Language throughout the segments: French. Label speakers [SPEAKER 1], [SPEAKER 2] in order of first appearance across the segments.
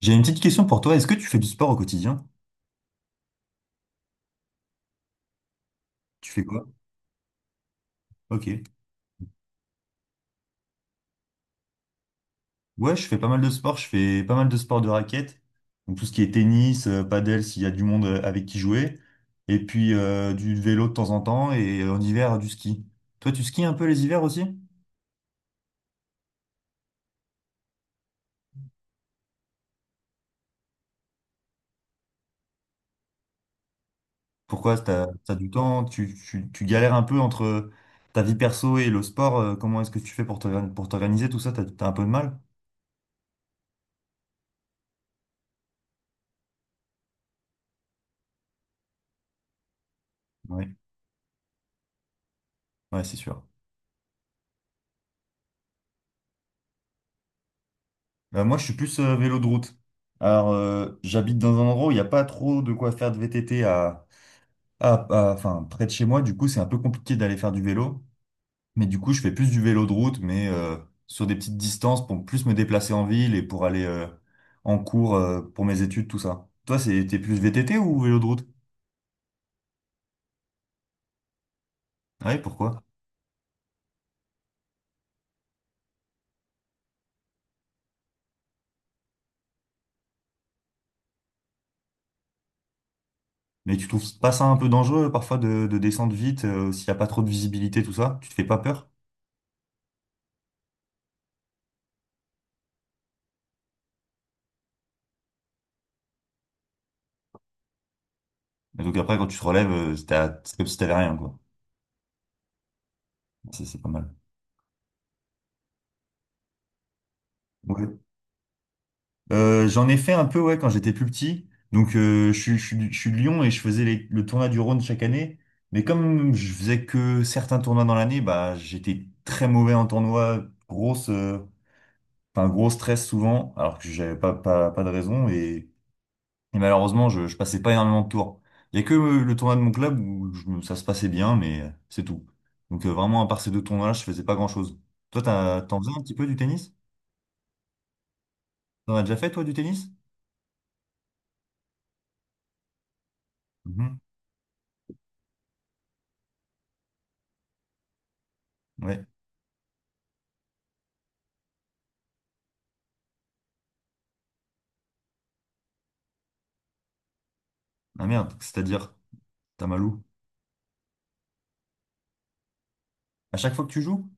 [SPEAKER 1] J'ai une petite question pour toi. Est-ce que tu fais du sport au quotidien? Tu fais quoi? Ok. Ouais, je fais pas mal de sport. Je fais pas mal de sport de raquette. Donc tout ce qui est tennis, padel, s'il y a du monde avec qui jouer. Et puis du vélo de temps en temps et en hiver du ski. Toi, tu skis un peu les hivers aussi? Pourquoi? T'as du temps? Tu galères un peu entre ta vie perso et le sport. Comment est-ce que tu fais pour t'organiser tout ça? T'as un peu de mal? Ouais, ouais, c'est sûr. Bah, moi, je suis plus vélo de route. Alors, j'habite dans un endroit où il n'y a pas trop de quoi faire de VTT enfin, près de chez moi. Du coup, c'est un peu compliqué d'aller faire du vélo. Mais du coup, je fais plus du vélo de route, mais sur des petites distances pour plus me déplacer en ville et pour aller en cours pour mes études, tout ça. Toi, c'est, t'es plus VTT ou vélo de route? Ouais, pourquoi? Mais tu trouves pas ça un peu dangereux parfois de descendre vite s'il n'y a pas trop de visibilité, tout ça? Tu te fais pas peur? Et donc après, quand tu te relèves, c'est comme si t'avais rien, quoi. Ça, c'est pas mal. Ouais. J'en ai fait un peu ouais quand j'étais plus petit. Donc je suis de Lyon et je faisais le tournoi du Rhône chaque année. Mais comme je faisais que certains tournois dans l'année, bah j'étais très mauvais en tournoi, grosse, enfin gros stress souvent, alors que j'avais pas de raison et malheureusement je passais pas énormément de tours. Il y a que le tournoi de mon club où ça se passait bien, mais c'est tout. Donc vraiment à part ces deux tournois-là, je faisais pas grand-chose. Toi t'en faisais un petit peu du tennis? T'en as déjà fait toi du tennis? Mhm. Ouais. Ah merde, c'est-à-dire. Tamalou. À chaque fois que tu joues,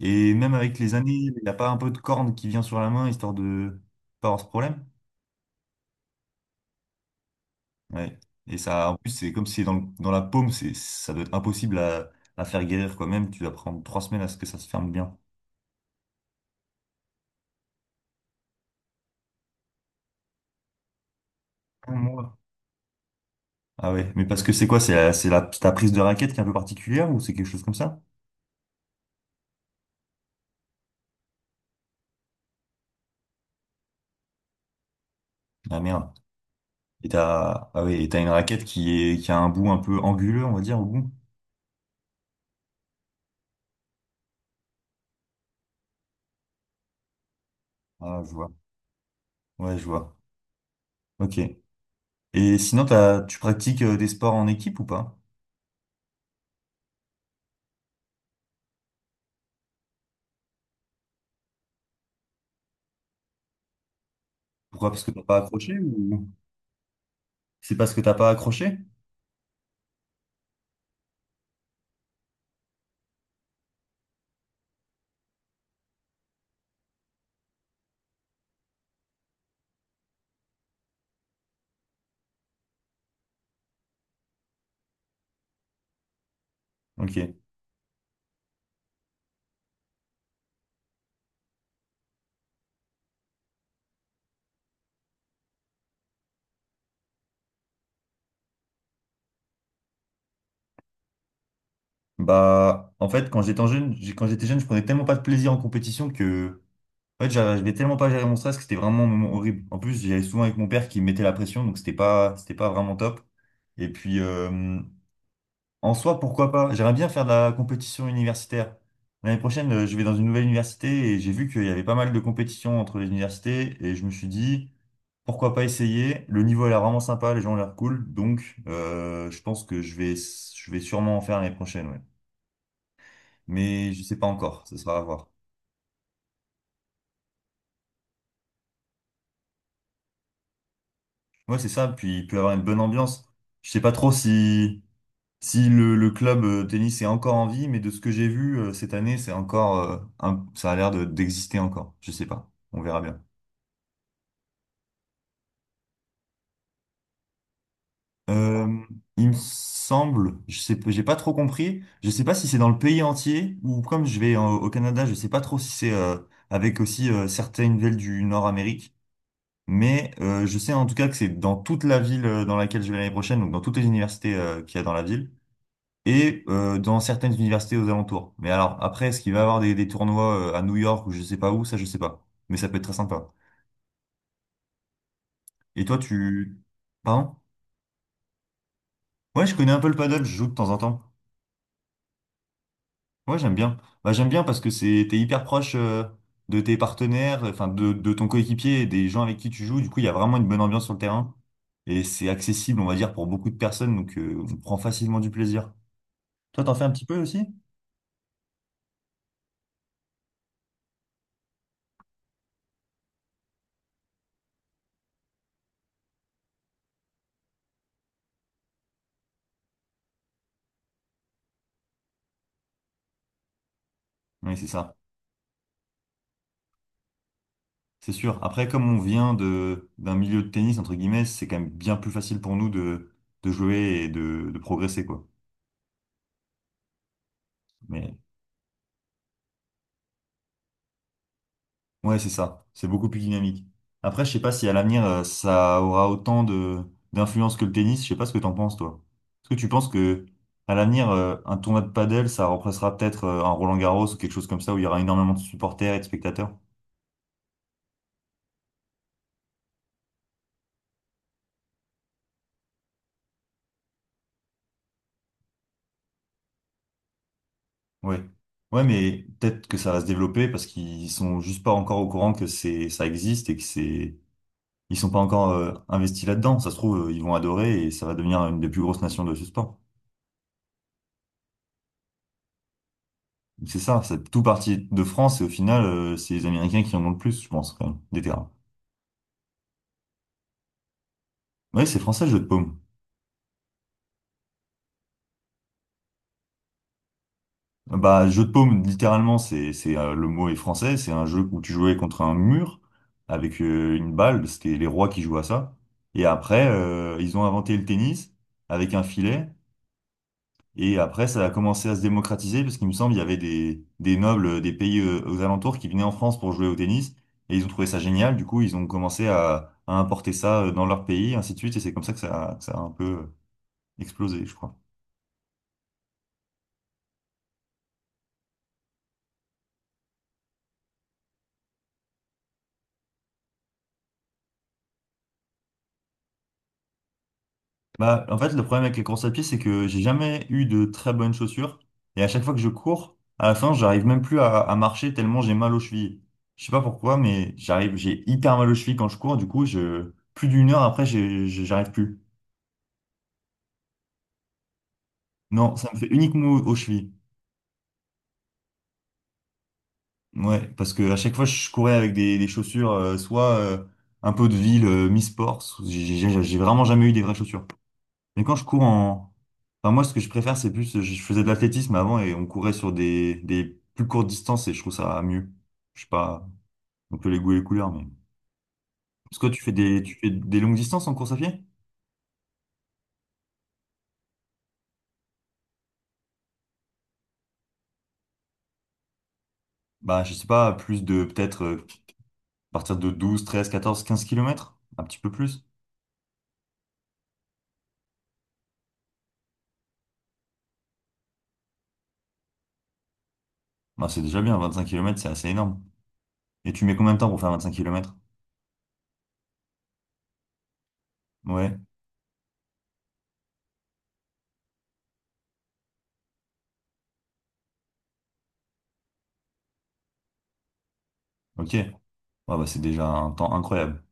[SPEAKER 1] et même avec les années, il n'a pas un peu de corne qui vient sur la main, histoire de pas avoir ce problème. Ouais. Et ça, en plus, c'est comme si c'est dans, dans la paume, c'est, ça doit être impossible à faire guérir quand même. Tu vas prendre 3 semaines à ce que ça se ferme bien. Un mois. Ah ouais, mais parce que c'est quoi? C'est la, ta prise de raquette qui est un peu particulière ou c'est quelque chose comme ça? Ah merde. Et t'as, ah ouais, et t'as une raquette qui est, qui a un bout un peu anguleux, on va dire, au bout. Ah, je vois. Ouais, je vois. Ok. Et sinon, t'as, tu pratiques des sports en équipe ou pas? Pourquoi? Parce que t'as pas accroché ou c'est parce que t'as pas accroché? Ok. Bah, en fait, quand j'étais jeune, je prenais tellement pas de plaisir en compétition que, en fait, j'arrivais tellement pas à gérer mon stress que c'était vraiment un moment horrible. En plus, j'y allais souvent avec mon père qui me mettait la pression, donc c'était pas vraiment top. Et puis, en soi, pourquoi pas? J'aimerais bien faire de la compétition universitaire. L'année prochaine, je vais dans une nouvelle université et j'ai vu qu'il y avait pas mal de compétitions entre les universités et je me suis dit. Pourquoi pas essayer? Le niveau a l'air vraiment sympa, les gens ont l'air cool, donc je pense que je vais sûrement en faire l'année prochaine, ouais. Mais je sais pas encore, ce sera à voir. Ouais, c'est ça, puis il peut y avoir une bonne ambiance. Je sais pas trop si, si le club tennis est encore en vie, mais de ce que j'ai vu cette année, c'est encore, ça a l'air d'exister encore. Je sais pas, on verra bien. Euh, il me semble, je sais, j'ai pas trop compris. Je sais pas si c'est dans le pays entier ou comme je vais au Canada, je sais pas trop si c'est avec aussi certaines villes du Nord-Amérique. Mais je sais en tout cas que c'est dans toute la ville dans laquelle je vais l'année prochaine, donc dans toutes les universités qu'il y a dans la ville et dans certaines universités aux alentours. Mais alors après, est-ce qu'il va y avoir des tournois à New York ou je sais pas où, ça je sais pas. Mais ça peut être très sympa. Et toi, tu, pardon? Ouais, je connais un peu le paddle, je joue de temps en temps. Ouais, j'aime bien. Bah, j'aime bien parce que c'est, t'es hyper proche de tes partenaires, enfin de ton coéquipier et des gens avec qui tu joues. Du coup, il y a vraiment une bonne ambiance sur le terrain et c'est accessible, on va dire, pour beaucoup de personnes. Donc, on prend facilement du plaisir. Toi, t'en fais un petit peu aussi? Oui, c'est ça. C'est sûr. Après, comme on vient de d'un milieu de tennis, entre guillemets, c'est quand même bien plus facile pour nous de jouer et de progresser, quoi. Mais ouais, c'est ça. C'est beaucoup plus dynamique. Après, je sais pas si à l'avenir, ça aura autant de d'influence que le tennis. Je sais pas ce que t'en penses, toi. Est-ce que tu penses que à l'avenir, un tournoi de padel, ça remplacera peut-être un Roland-Garros ou quelque chose comme ça où il y aura énormément de supporters et de spectateurs? Ouais. Ouais, mais peut-être que ça va se développer parce qu'ils sont juste pas encore au courant que c'est ça existe et que c'est Ils sont pas encore investis là-dedans. Ça se trouve, ils vont adorer et ça va devenir une des plus grosses nations de ce sport. C'est ça, c'est tout parti de France et au final, c'est les Américains qui en ont le plus, je pense, quand même, des terrains. Oui, c'est français, le jeu de paume. Bah, jeu de paume, littéralement, c'est, le mot est français. C'est un jeu où tu jouais contre un mur avec une balle. C'était les rois qui jouaient à ça. Et après, ils ont inventé le tennis avec un filet. Et après, ça a commencé à se démocratiser parce qu'il me semble il y avait des nobles des pays aux alentours qui venaient en France pour jouer au tennis et ils ont trouvé ça génial. Du coup, ils ont commencé à importer ça dans leur pays, ainsi de suite. Et c'est comme ça que ça, que ça a un peu explosé, je crois. Bah, en fait, le problème avec les courses à pied, c'est que j'ai jamais eu de très bonnes chaussures et à chaque fois que je cours, à la fin, j'arrive même plus à marcher tellement j'ai mal aux chevilles. Je sais pas pourquoi, mais j'arrive, j'ai hyper mal aux chevilles quand je cours. Du coup, je, plus d'une heure après, j'arrive plus. Non, ça me fait uniquement aux chevilles. Ouais, parce que à chaque fois je courais avec des chaussures, soit un peu de ville, mi-sport, j'ai vraiment jamais eu des vraies chaussures. Mais quand je cours en... Enfin moi ce que je préfère c'est plus, je faisais de l'athlétisme avant et on courait sur des plus courtes distances et je trouve ça mieux. Je sais pas, on peut les goûts et les couleurs, mais... Parce que toi, tu fais des longues distances en course à pied? Bah je sais pas, plus de peut-être à partir de 12 13 14 15 kilomètres, un petit peu plus. Bah, c'est déjà bien, 25 kilomètres c'est assez énorme. Et tu mets combien de temps pour faire 25 kilomètres? Ouais Ok. Ah bah, c'est déjà un temps incroyable.